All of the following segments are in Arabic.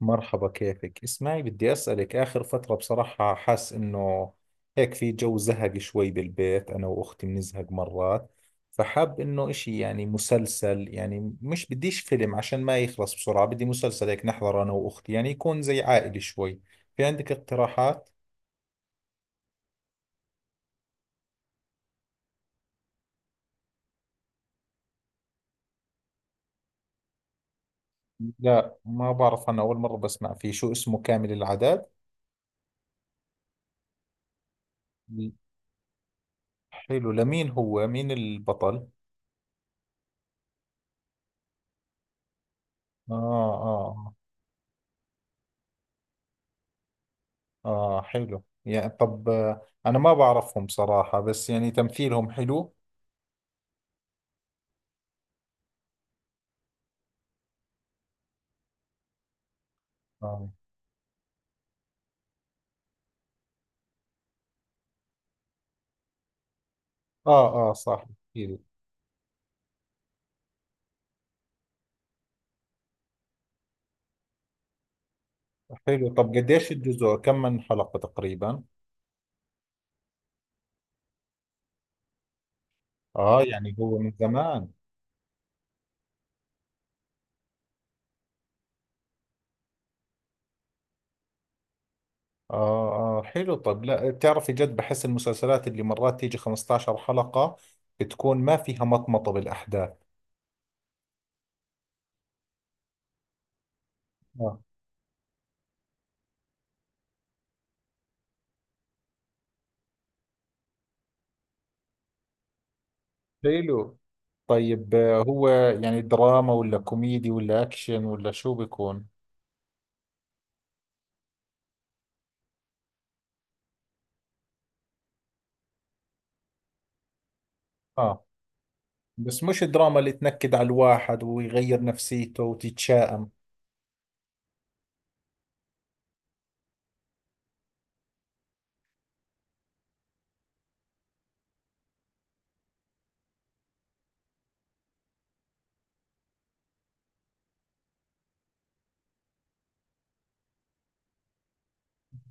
مرحبا، كيفك؟ اسمعي، بدي أسألك. آخر فترة بصراحة حاس إنه هيك في جو زهق شوي بالبيت، أنا وأختي بنزهق مرات. فحاب إنه إشي، يعني مسلسل، يعني مش بديش فيلم عشان ما يخلص بسرعة. بدي مسلسل هيك نحضر أنا وأختي، يعني يكون زي عائلي شوي. في عندك اقتراحات؟ لا ما بعرف، أنا أول مرة بسمع فيه. شو اسمه؟ كامل العدد؟ حلو، لمين هو؟ مين البطل؟ آه. آه. آه حلو يعني. طب آه، أنا ما بعرفهم صراحة، بس يعني تمثيلهم حلو. آه. آه آه صح. أكيد. حلو. طب قديش الجزء؟ كم من حلقة تقريبا؟ آه يعني هو من زمان. آه آه حلو. طب لا، بتعرفي جد بحس المسلسلات اللي مرات تيجي 15 حلقة بتكون ما فيها مطمطة بالأحداث. آه. حلو. طيب آه، هو يعني دراما ولا كوميدي ولا أكشن ولا شو بيكون؟ آه. بس مش دراما اللي تنكد على الواحد ويغير نفسيته وتتشائم.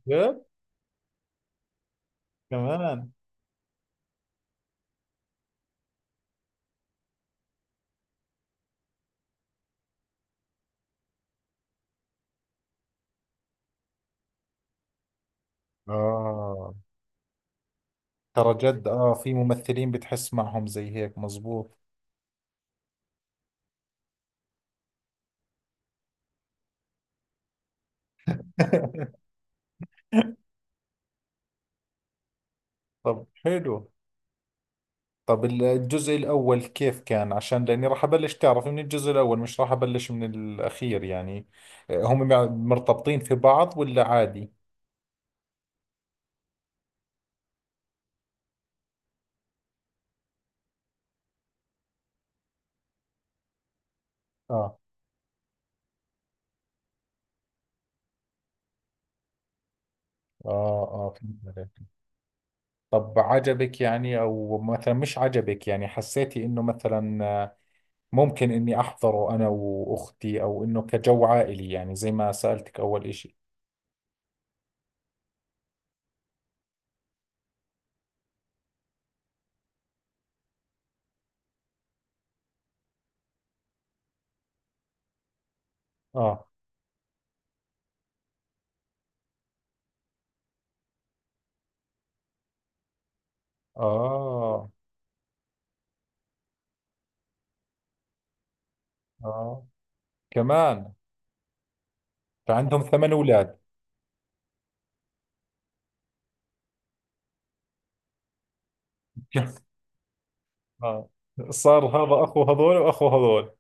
جد؟ كمان. آه ترى جد، آه في ممثلين بتحس معهم زي هيك، مزبوط. طب حلو. طب الجزء الأول كيف كان؟ عشان لأني راح أبلش، تعرف، من الجزء الأول، مش راح أبلش من الأخير يعني. آه، هم مرتبطين في بعض ولا عادي؟ آه. آه. آه فهمت عليك. طب عجبك يعني أو مثلا مش عجبك؟ يعني حسيتي إنه مثلا ممكن إني أحضره أنا وأختي، أو إنه كجو عائلي، يعني زي ما سألتك أول إشي. آه. آه. آه. كمان. فعندهم 8 أولاد. آه. صار هذا أخو هذول وأخو هذول.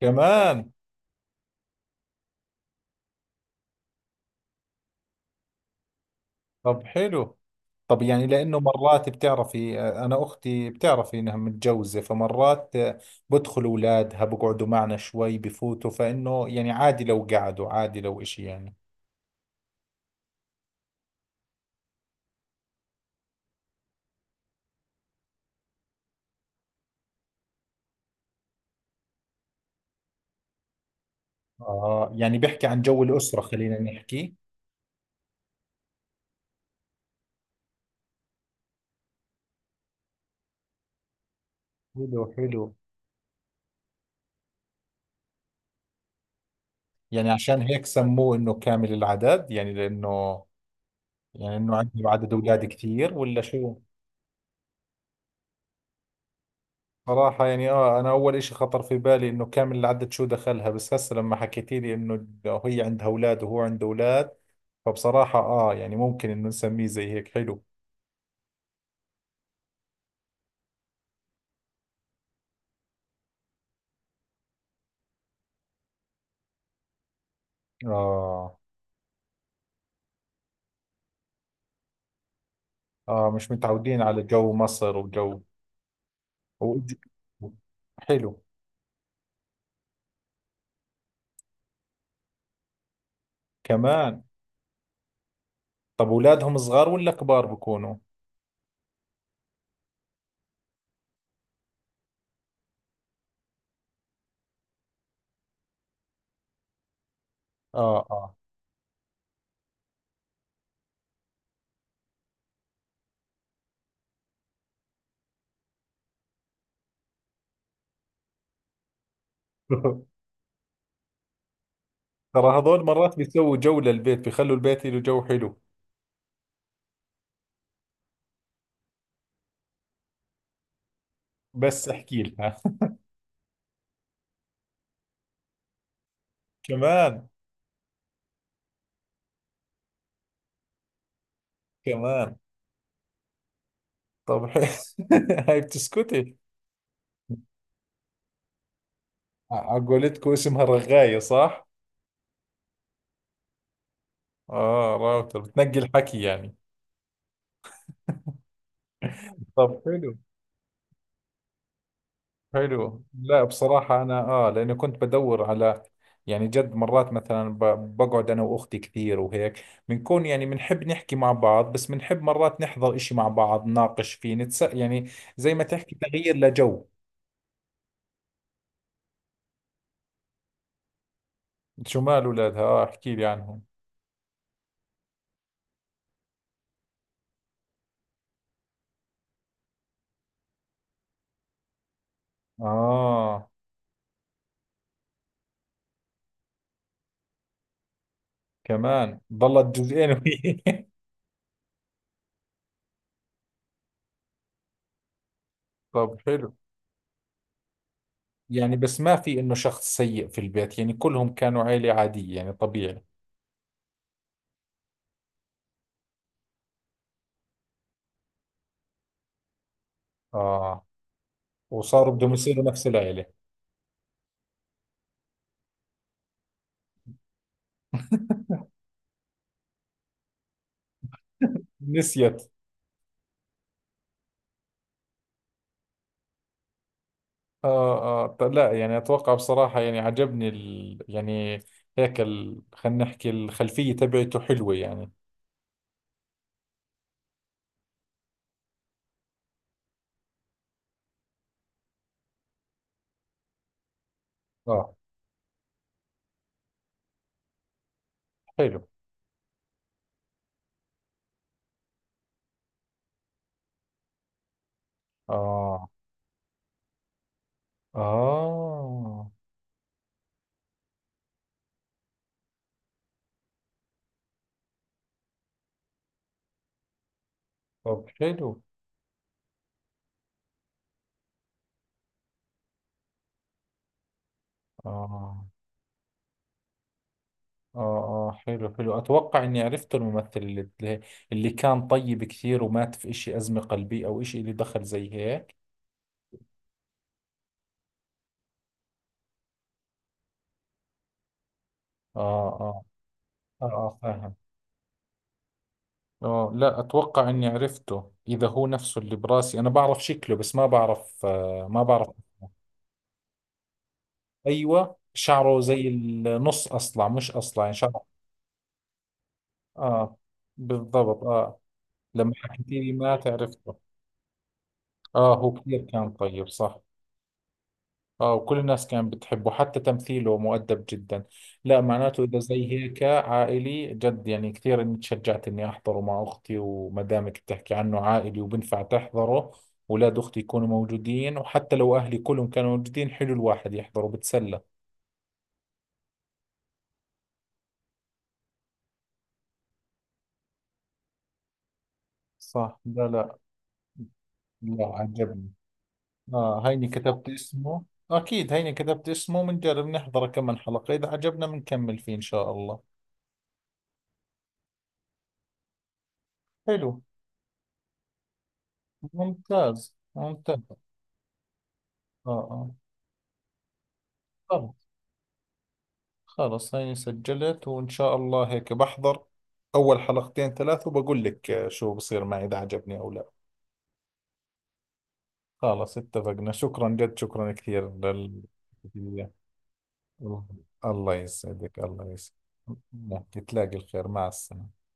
كمان. طب حلو. طب يعني لأنه مرات بتعرفي آه، أنا أختي بتعرفي إنها متجوزة، فمرات آه، بدخل أولادها بقعدوا معنا شوي، بفوتوا، فإنه يعني عادي لو قعدوا، عادي لو إشي يعني. آه يعني بيحكي عن جو الأسرة، خلينا نحكي. حلو حلو. يعني عشان هيك سموه انه كامل العدد، يعني لانه يعني انه عندي عدد اولاد كثير، ولا شو؟ صراحة يعني اه، انا اول اشي خطر في بالي انه كامل العدد شو دخلها، بس هسه لما حكيتي لي انه هي عندها اولاد وهو عنده اولاد، فبصراحة اه، يعني ممكن انه نسميه زي هيك. حلو. اه اه مش متعودين على جو مصر وجو. و- حلو. كمان. طب اولادهم صغار ولا كبار بكونوا؟ اه اه. ترى هذول مرات بيسووا جو للبيت، بيخلوا البيت له جو حلو. بس احكي لها. كمان. كمان. طب حلو. هاي بتسكتي. على قولتكم اسمها رغاية صح؟ اه راوتر بتنقي الحكي يعني. طب حلو. حلو لا بصراحة أنا آه، لأنه كنت بدور على يعني جد مرات، مثلا بقعد أنا وأختي كثير، وهيك بنكون يعني بنحب نحكي مع بعض، بس بنحب مرات نحضر إشي مع بعض نناقش فيه نتس يعني. زي ما تحكي تغيير لجو. شو مال اولادها؟ اه احكي لي عنهم. اه كمان ضلت جزئين وهي. طب حلو. يعني بس ما في انه شخص سيء في البيت يعني، كلهم كانوا عيلة عادية يعني طبيعي. اه وصاروا بدهم يصيروا نفس العيلة. نسيت. اه اه لا يعني اتوقع بصراحة يعني عجبني يعني هيك خلينا نحكي الخلفية تبعته حلوة يعني. اه. حلو. اه اه. طب حلو. اه اه اه حلو حلو، اتوقع اني عرفت الممثل اللي كان طيب كثير ومات في اشي ازمة قلبية او اشي، اللي دخل زي هيك. اه. اه. اه آه، فاهم. اه لا اتوقع اني عرفته اذا هو نفسه اللي براسي، انا بعرف شكله بس ما بعرف، آه ما بعرف. ايوه شعره زي النص اصلع مش اصلع يعني شعره. اه بالضبط اه. لما حكيت لي مات عرفته. اه هو كثير كان طيب صح. اه وكل الناس كانت بتحبه، حتى تمثيله مؤدب جدا. لا معناته اذا زي هيك عائلي جد، يعني كثير اني تشجعت اني احضره مع اختي، وما دامك بتحكي عنه عائلي وبنفع تحضره، اولاد اختي يكونوا موجودين، وحتى لو اهلي كلهم كانوا موجودين، حلو الواحد يحضره بتسلى. صح. لا لا. لا عجبني. اه هيني كتبت اسمه. اكيد هيني كتبت اسمه، بنجرب نحضره كم من حلقة، اذا عجبنا بنكمل فيه ان شاء الله. حلو. ممتاز ممتاز. اه اه طبعا. خلاص هيني سجلت، وإن شاء الله هيك بحضر أول حلقتين ثلاث، وبقول لك آه، شو بصير معي إذا عجبني أو لا. خلاص اتفقنا، شكرا جد، شكرا كثير الله. الله يسعدك، الله يسعدك. نحكي تلاقي الخير، مع السلامة.